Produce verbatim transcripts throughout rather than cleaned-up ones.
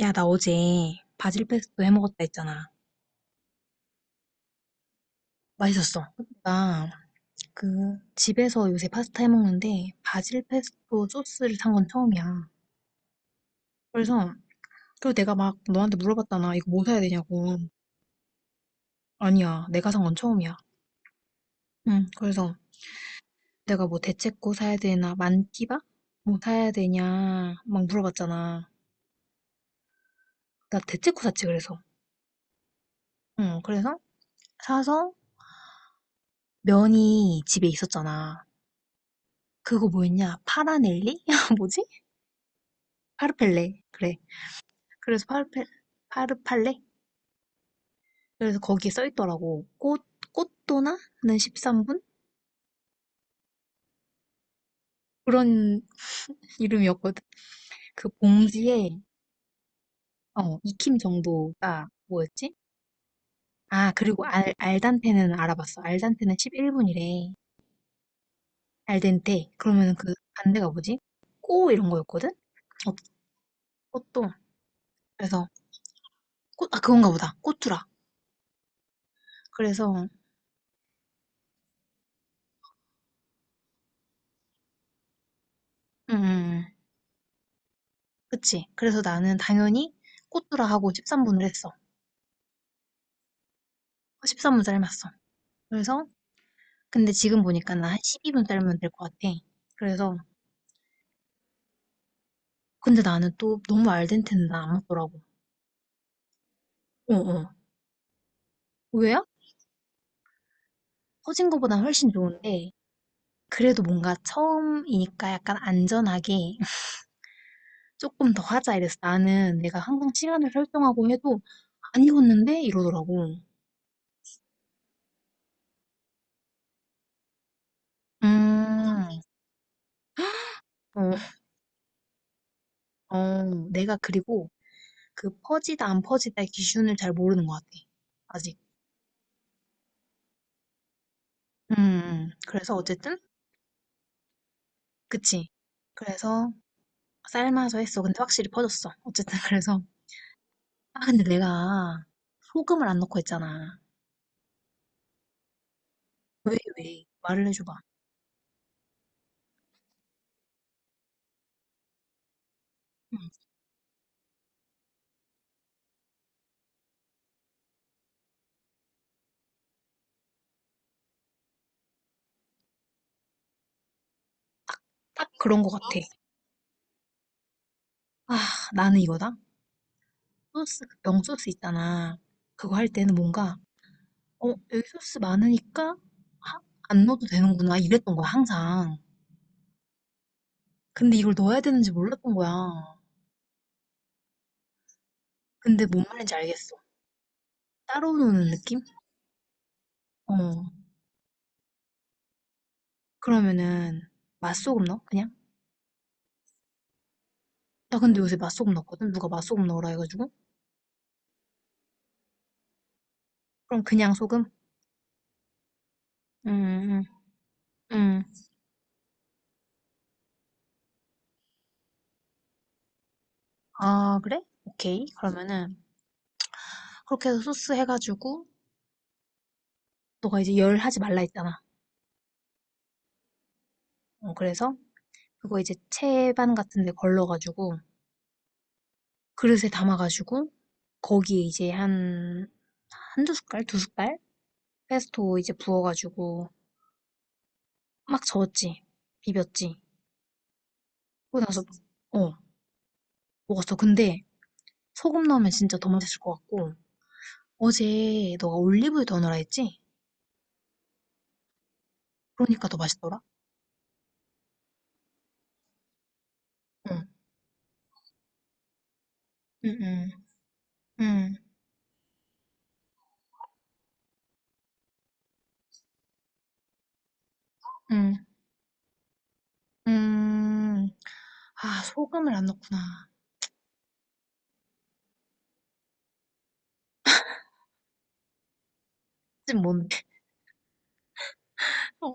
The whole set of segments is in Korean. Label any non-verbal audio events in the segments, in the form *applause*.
야, 나 어제 바질페스토 해먹었다 했잖아. 맛있었어. 나 그 집에서 요새 파스타 해먹는데 바질페스토 소스를 산 건 처음이야. 그래서 그리고 내가 막 너한테 물어봤잖아. 이거 뭐 사야 되냐고. 아니야, 내가 산 건 처음이야. 응, 그래서 내가 뭐 대체코 사야 되나 만티바? 뭐 사야 되냐 막 물어봤잖아. 나 대체코 샀지 그래서. 응, 그래서 사서 면이 집에 있었잖아. 그거 뭐였냐? 파라넬리? *laughs* 뭐지? 파르펠레. 그래. 그래서 파르펠, 파르팔레? 그래서 거기에 써 있더라고. 꽃, 꽃도나? 는 십삼 분? 그런 *laughs* 이름이었거든. 그 봉지에. 어, 익힘 정도가 뭐였지? 아, 그리고 알, 알단테는 알아봤어. 알단테는 십일 분이래. 알덴테. 그러면 그 반대가 뭐지? 꼬 이런 거였거든? 어, 꽃도. 그래서, 꽃, 아, 그건가 보다. 꽃두라. 그래서, 음, 음, 음. 그치. 그래서 나는 당연히 꽃두라 하고 십삼 분을 했어. 십삼 분 삶았어. 그래서 근데 지금 보니까 나 한 십이 분 삶으면 될 것 같아. 그래서 근데 나는 또 너무 알덴테는 나 안 먹더라고. 어어. 왜요? 퍼진 거보단 훨씬 좋은데 그래도 뭔가 처음이니까 약간 안전하게 *laughs* 조금 더 하자 이랬어. 나는 내가 항상 시간을 설정하고 해도 안 익었는데 이러더라고. 음. 어, 어. 내가 그리고 그 퍼지다 안 퍼지다의 기준을 잘 모르는 것 같아. 아직. 음. 음. 그래서 어쨌든 그치. 그래서 삶아서 했어. 근데 확실히 퍼졌어. 어쨌든 *laughs* 그래서 아 근데 내가 소금을 안 넣고 했잖아. 왜 왜? 말을 해줘봐. 딱 그런 거 같아. 아 나는 이거다. 소스 그 명소스 있잖아. 그거 할 때는 뭔가 어 여기 소스 많으니까 하- 안 넣어도 되는구나 이랬던 거야 항상. 근데 이걸 넣어야 되는지 몰랐던 거야. 근데 뭔 말인지 알겠어. 따로 넣는 느낌? 어 그러면은 맛소금 넣어 그냥? 나 근데 요새 맛소금 넣거든. 누가 맛소금 넣으라 해가지고. 그럼 그냥 소금? 음, 음. 음. 아, 그래? 오케이. 그러면은, 그렇게 해서 소스 해가지고, 너가 이제 열 하지 말라 했잖아. 어, 그래서, 그거 이제 채반 같은 데 걸러가지고, 그릇에 담아가지고, 거기에 이제 한, 한두 숟갈? 두 숟갈? 페스토 이제 부어가지고, 막 저었지. 비볐지. 그러고 나서, 어, 먹었어. 근데, 소금 넣으면 진짜 더 맛있을 것 같고, 어제 너가 올리브유 더 넣으라 했지? 그러니까 더 맛있더라? 응, 응, 응, 응. 응. 음. 아 소금을 안 넣었구나. 지금 뭔데? *laughs* 어,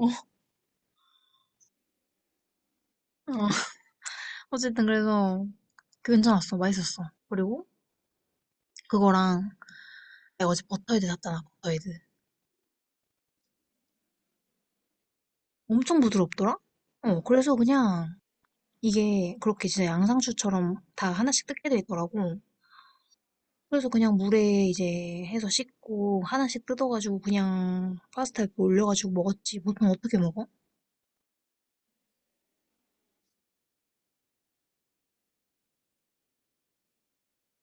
어. 어쨌든 그래서 그 괜찮았어. 맛있었어. 그리고 그거랑 내가 어제 버터헤드 샀잖아. 버터헤드. 엄청 부드럽더라? 어, 그래서 그냥 이게 그렇게 진짜 양상추처럼 다 하나씩 뜯게 돼 있더라고. 그래서 그냥 물에 이제 해서 씻고 하나씩 뜯어가지고 그냥 파스타에 올려가지고 먹었지. 보통 어떻게 먹어?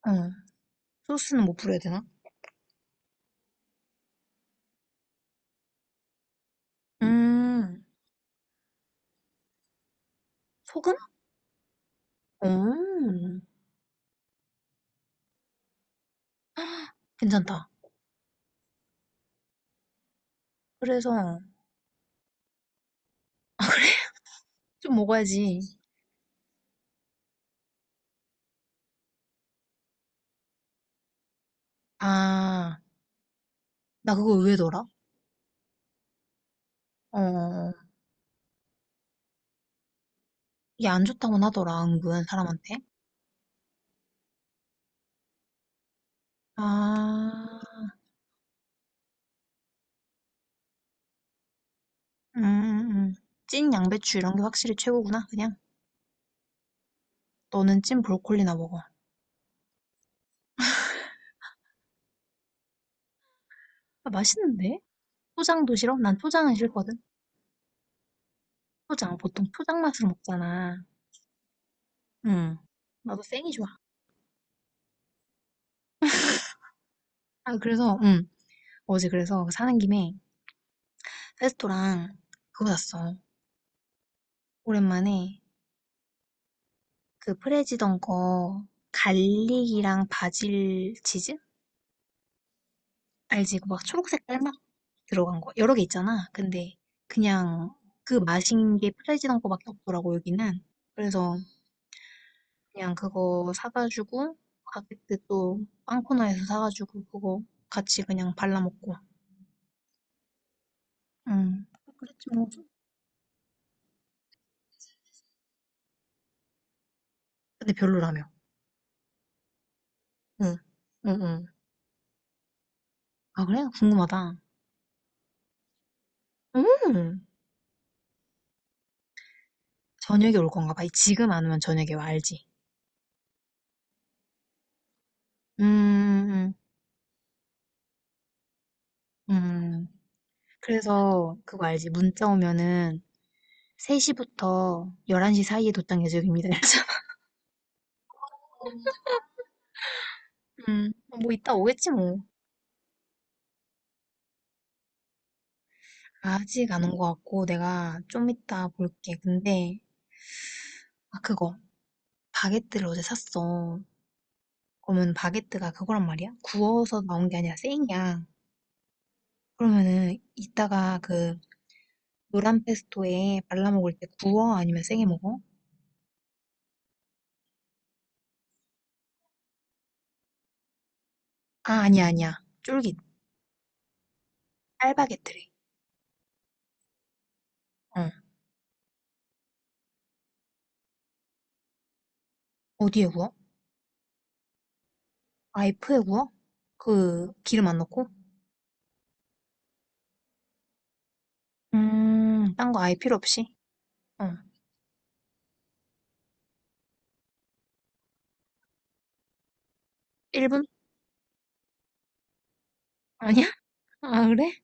어, 소스는 뭐 뿌려야 되나? 음, 소금? 어. 괜찮다. 그래서 좀 먹어야지. 아, 나 그거 의외더라. 어, 이게 안 좋다고는 하더라, 은근 사람한테. 아, 음, 음, 음. 찐 양배추 이런 게 확실히 최고구나, 그냥. 너는 찐 브로콜리나 먹어. 아, 맛있는데? 초장도 싫어? 난 초장은 싫거든. 초장, 보통 초장 맛으로 먹잖아. 응. 나도 생이 좋아. 아, 그래서, 응. 어제 그래서 그 사는 김에 레스토랑 그거 샀어. 오랜만에 그 프레지던 거 갈릭이랑 바질 치즈? 알지? 그막 초록 색깔 막 들어간 거 여러 개 있잖아. 근데 그냥 그 맛인 게 프레지던 거밖에 없더라고 여기는. 그래서 그냥 그거 사가지고 가게때 또 빵 코너에서 사가지고 그거 같이 그냥 발라먹고. 응. 그랬지 뭐. 근데 별로라며. 응. 응, 응. 아, 그래? 궁금하다. 음. 저녁에 올 건가 봐. 지금 안 오면 저녁에 와, 알지? 음, 음. 음. 그래서 그거 알지? 문자 오면은 세 시부터 열한 시 사이에 도착 예정입니다. *laughs* 이래서 음, 뭐 이따 오겠지 뭐. 아직 안 온 것 같고 내가 좀 이따 볼게. 근데 아 그거 바게트를 어제 샀어. 그러면 바게트가 그거란 말이야? 구워서 나온 게 아니라 생이야. 그러면은 이따가 그 노란 페스토에 발라 먹을 때 구워? 아니면 생에 먹어? 아 아니야 아니야. 쫄깃. 알바게트래. 어. 어디에 구워? 아이프에 구워? 그 기름 안 넣고? 음, 딴 거 아예 필요 없이? 어. 일 분? 아니야? 아, 그래?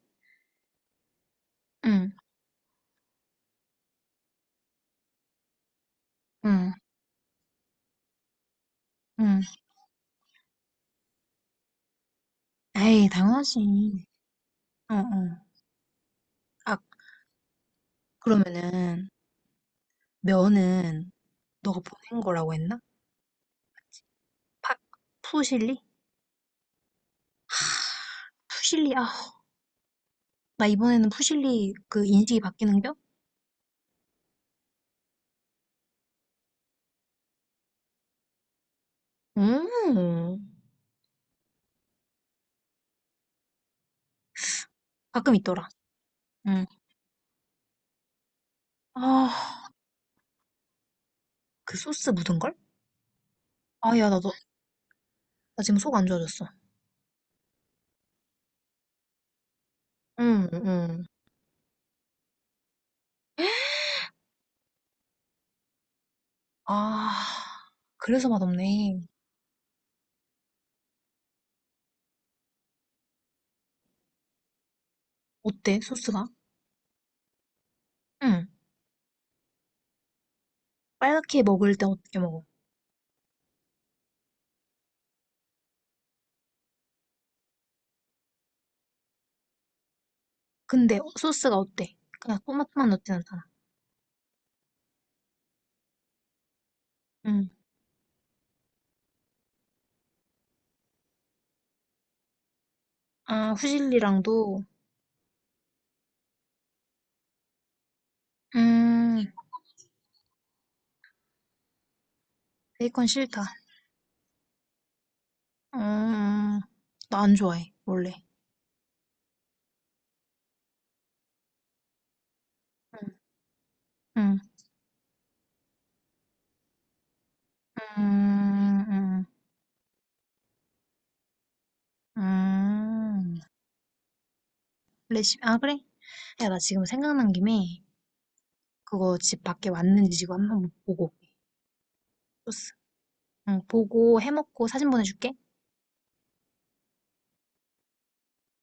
응, 응, 응. 에이, 당연하지. 어, 어. 아, 그러면은, 면은, 너가 보낸 거라고 했나? 파, 푸실리? 푸실리, 아, 나 이번에는 푸실리 그 인식이 바뀌는겨? 음, 가끔 있더라. 응. 아, 그 소스 묻은 걸? 아, 야, 나, 너, 나 지금 속 안 좋아졌어. 응, 응. 아, 그래서 맛없네. 어때, 소스가? 응. 빨갛게 먹을 때 어떻게 먹어? 근데 소스가 어때? 그냥 토마토만 넣진 않잖아. 응. 아, 후질리랑도, 음, 베이컨 싫다. 음, 나 안 좋아해, 원래. 응, 응, 음... 음... 음. 레시피, 아, 그래? 야, 나 지금 생각난 김에 그거 집 밖에 왔는지 지금 한번 보고 올게. 소스. 응, 보고 해먹고 사진 보내줄게.